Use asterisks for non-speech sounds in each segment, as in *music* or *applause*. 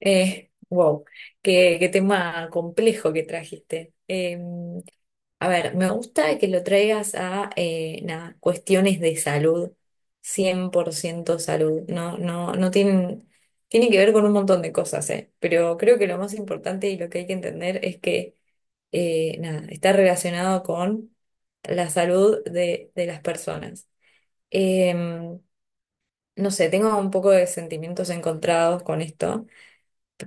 Wow, qué, qué tema complejo que trajiste. A ver, me gusta que lo traigas a nada, cuestiones de salud, 100% salud. No tienen, tiene que ver con un montón de cosas, pero creo que lo más importante y lo que hay que entender es que nada, está relacionado con la salud de las personas. Em, no sé, tengo un poco de sentimientos encontrados con esto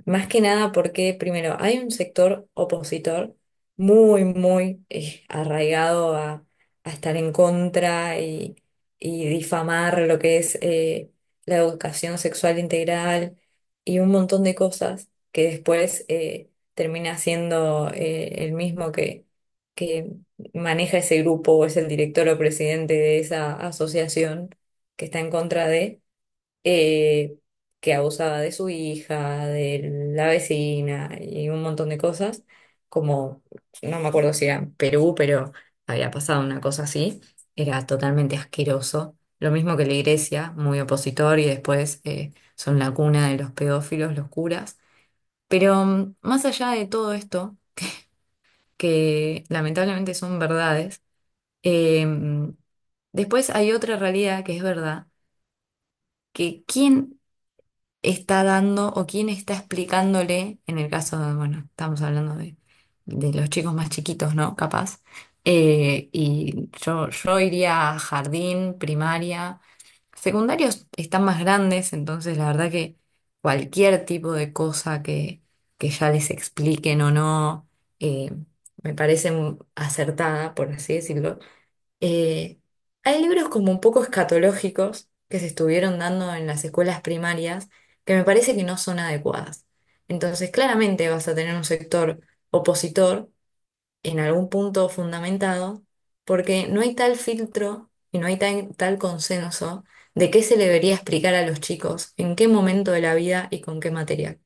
más que nada porque, primero, hay un sector opositor muy, muy arraigado a estar en contra y difamar lo que es la educación sexual integral y un montón de cosas que después termina siendo el mismo que maneja ese grupo o es el director o presidente de esa asociación que está en contra de eh, que abusaba de su hija, de la vecina y un montón de cosas, como no me acuerdo si era en Perú, pero había pasado una cosa así, era totalmente asqueroso. Lo mismo que la iglesia, muy opositor y después son la cuna de los pedófilos, los curas. Pero más allá de todo esto, que lamentablemente son verdades, em, después hay otra realidad que es verdad, que ¿quién está dando o quién está explicándole, en el caso de, bueno, estamos hablando de los chicos más chiquitos, ¿no? Capaz. Y yo iría a jardín, primaria, secundarios están más grandes, entonces la verdad que cualquier tipo de cosa que ya les expliquen o no, eh, me parece mu- acertada, por así decirlo. Eh, hay libros como un poco escatológicos que se estuvieron dando en las escuelas primarias que me parece que no son adecuadas. Entonces, claramente vas a tener un sector opositor en algún punto fundamentado porque no hay tal filtro y no hay tan- tal consenso de qué se le debería explicar a los chicos, en qué momento de la vida y con qué material.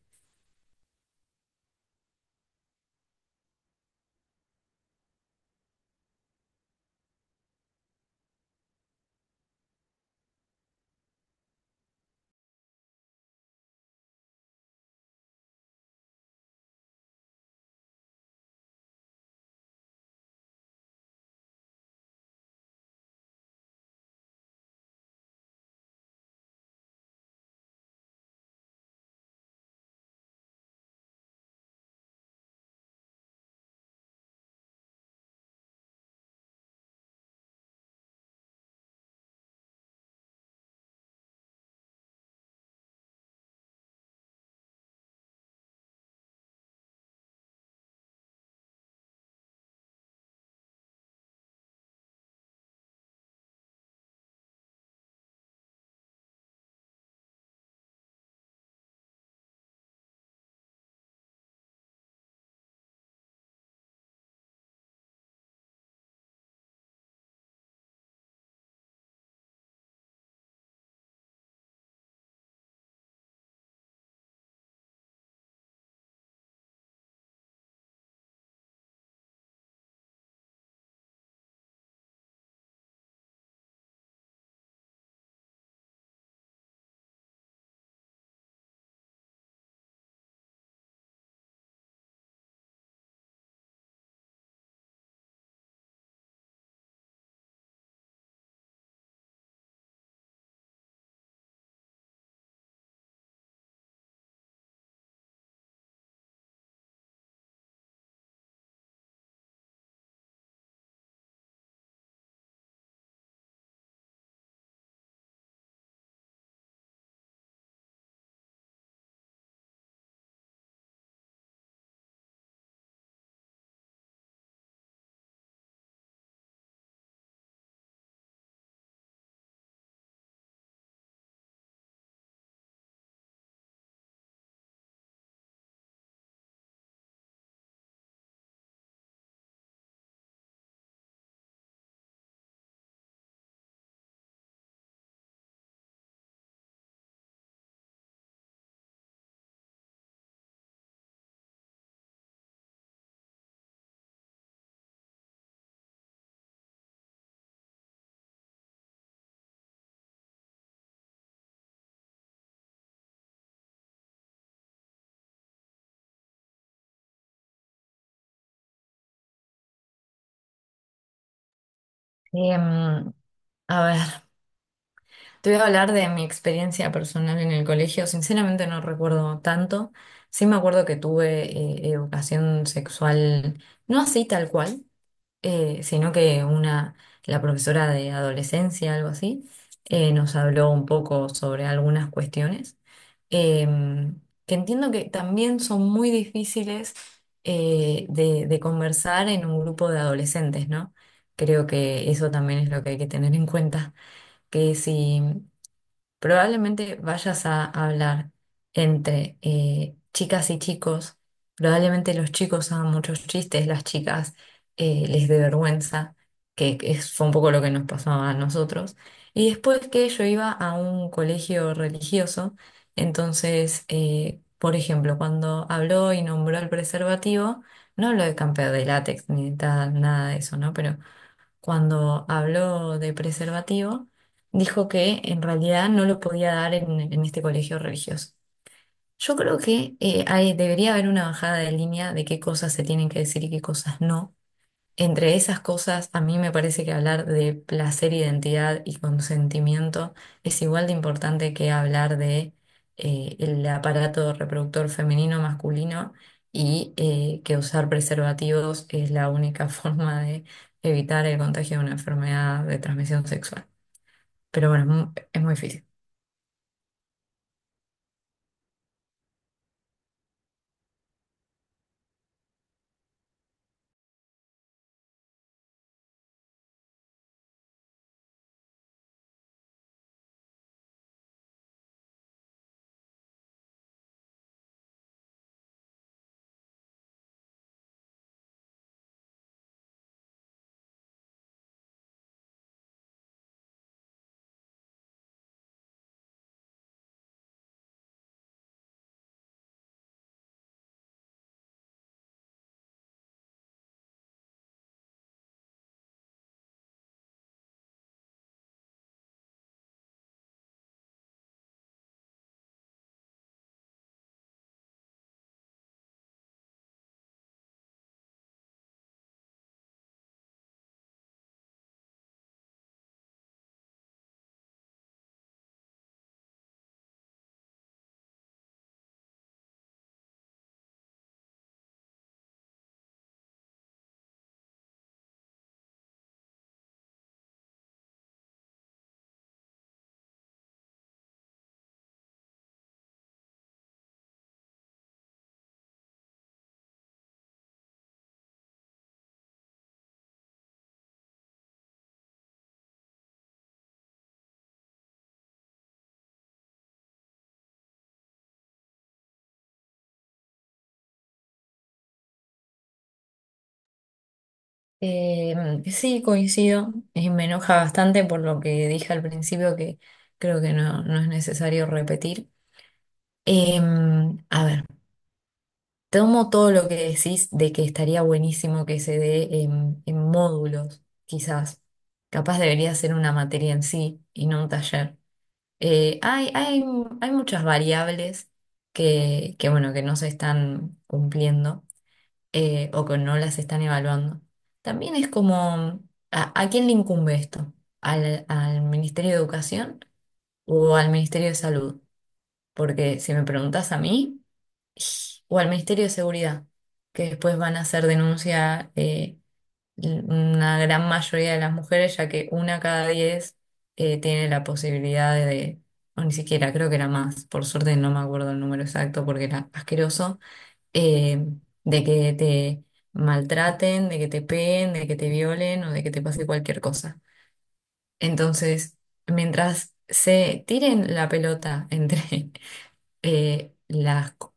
Em, a ver. Te voy a hablar de mi experiencia personal en el colegio. Sinceramente no recuerdo tanto. Sí me acuerdo que tuve educación sexual, no así tal cual, sino que una, la profesora de adolescencia, algo así, nos habló un poco sobre algunas cuestiones, em, que entiendo que también son muy difíciles de conversar en un grupo de adolescentes, ¿no? Creo que eso también es lo que hay que tener en cuenta que si probablemente vayas a hablar entre chicas y chicos, probablemente los chicos hagan muchos chistes, las chicas les dé vergüenza, que es, fue un poco lo que nos pasaba a nosotros. Y después que yo iba a un colegio religioso, entonces, por ejemplo, cuando habló y nombró el preservativo, no habló de camper de látex ni de tal, nada de eso, ¿no? Pero cuando habló de preservativo, dijo que en realidad no lo podía dar en este colegio religioso. Yo creo que hay- debería haber una bajada de línea de qué cosas se tienen que decir y qué cosas no, entre esas cosas, a mí me parece que hablar de placer, identidad y consentimiento es igual de importante que hablar de el aparato reproductor femenino masculino y que usar preservativos es la única *laughs* forma de evitar el contagio de una enfermedad de transmisión sexual. Pero bueno, es mu- es muy difícil. Sí, coincido y me enoja bastante por lo que dije al principio, que creo que no, no es necesario repetir. A ver. Tomo todo lo que decís de que estaría buenísimo que se dé en módulos, quizás. Capaz debería ser una materia en sí y no un taller. Eh, hay, hay, hay muchas variables que, bueno, que no se están cumpliendo o que no las están evaluando. También es como, a quién le incumbe esto? ¿Al, al Ministerio de Educación o al Ministerio de Salud? Porque si me preguntas a mí o al Ministerio de Seguridad, que después van a hacer denuncia una gran mayoría de las mujeres, ya que una cada diez tiene la posibilidad de, o ni siquiera, creo que era más, por suerte no me acuerdo el número exacto porque era asqueroso, eh, de que te maltraten, de que te peguen, de que te violen o de que te pase cualquier cosa. Entonces, mientras se tiren la pelota *laughs* entre las, cu-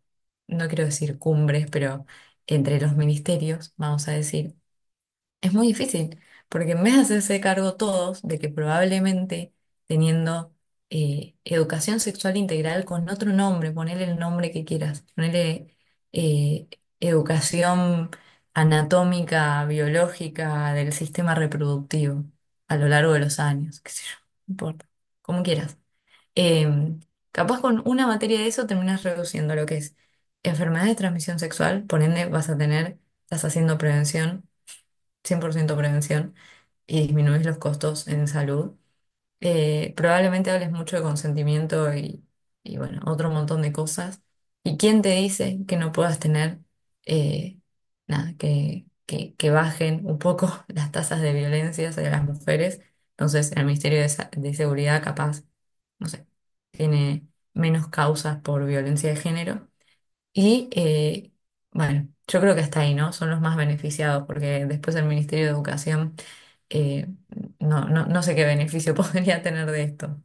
no quiero decir cumbres, pero entre los ministerios, vamos a decir, es muy difícil, porque en vez de hacerse cargo todos de que probablemente teniendo educación sexual integral con otro nombre, ponele el nombre que quieras, ponele eh, educación anatómica, biológica del sistema reproductivo a lo largo de los años, qué sé yo, no importa, como quieras. Em, capaz con una materia de eso terminas reduciendo lo que es enfermedad de transmisión sexual, por ende vas a tener, estás haciendo prevención, 100% prevención, y disminuís los costos en salud. Probablemente hables mucho de consentimiento y, bueno, otro montón de cosas. ¿Y quién te dice que no puedas tener, eh, nada, que bajen un poco *laughs* las tasas de violencia hacia las mujeres? Entonces, el Ministerio de, Sa- de Seguridad capaz no sé, tiene menos causas por violencia de género. Y bueno, yo creo que hasta ahí, ¿no? Son los más beneficiados, porque después el Ministerio de Educación, eh, no sé qué beneficio *laughs* podría tener de esto.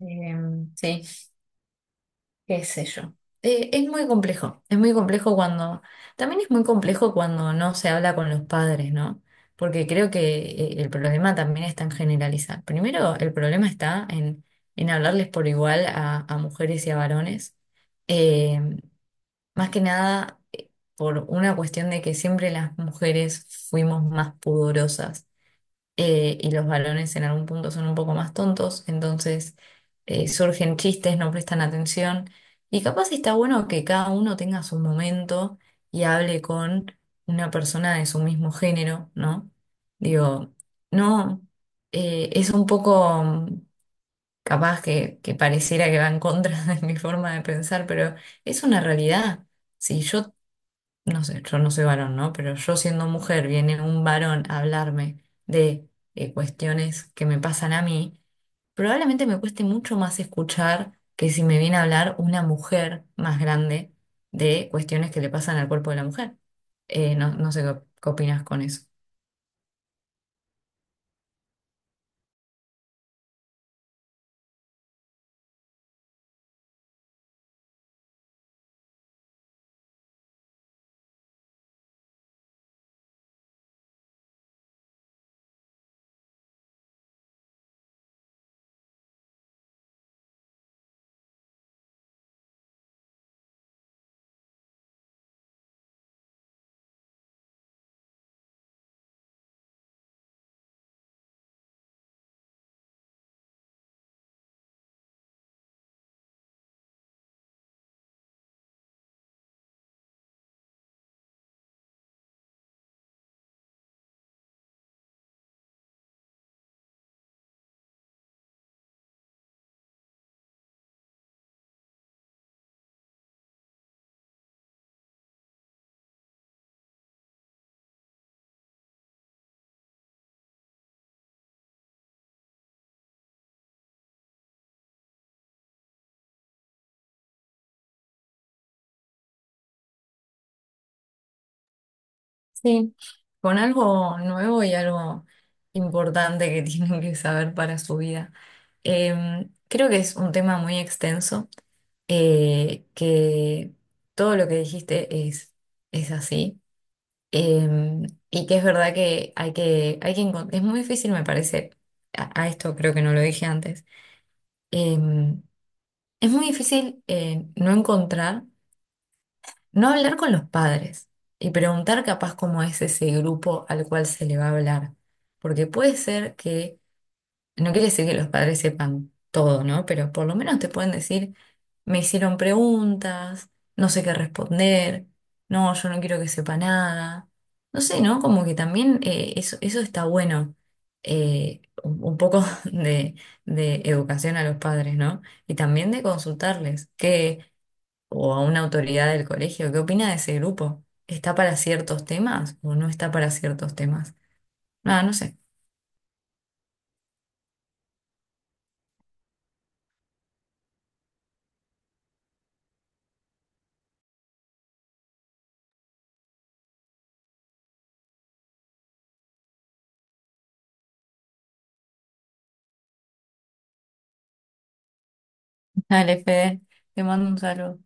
Sí. Qué sé yo. Es muy complejo, es muy complejo cuando, también es muy complejo cuando no se habla con los padres, ¿no? Porque creo que el problema también está en generalizar. Primero, el problema está en hablarles por igual a mujeres y a varones. Eh, más que nada por una cuestión de que siempre las mujeres fuimos más pudorosas y los varones en algún punto son un poco más tontos, entonces surgen chistes, no prestan atención, y capaz está bueno que cada uno tenga su momento y hable con una persona de su mismo género, ¿no? Digo, no, es un poco capaz que pareciera que va en contra *laughs* de mi forma de pensar, pero es una realidad. Si yo no sé, yo no soy varón, ¿no? Pero yo siendo mujer, viene un varón a hablarme de cuestiones que me pasan a mí, probablemente me cueste mucho más escuchar que si me viene a hablar una mujer más grande de cuestiones que le pasan al cuerpo de la mujer. No sé qué, qué opinas con eso. Sí, con algo nuevo y algo importante que *laughs* tienen que saber para su vida. Em, creo que es un tema muy extenso. Que todo lo que dijiste es así. Y que es verdad que hay que, hay que encon- es muy difícil, me parece, a esto creo que no lo dije antes, em, es muy difícil no encontrar, no hablar con los padres y preguntar capaz cómo es ese grupo al cual se le va a hablar. Porque puede ser que no quiere decir que los padres sepan todo, ¿no? Pero por lo menos te pueden decir, me hicieron preguntas, no sé qué responder, no, yo no quiero que sepa nada. No sé, ¿no? Como que también eso, eso está bueno, un poco *laughs* de educación a los padres, ¿no? Y también de consultarles, que, o a una autoridad del colegio, ¿qué opina de ese grupo? ¿Está para ciertos temas o no está para ciertos temas? Nada, no sé. *laughs* Dale, Fede, te mando un saludo.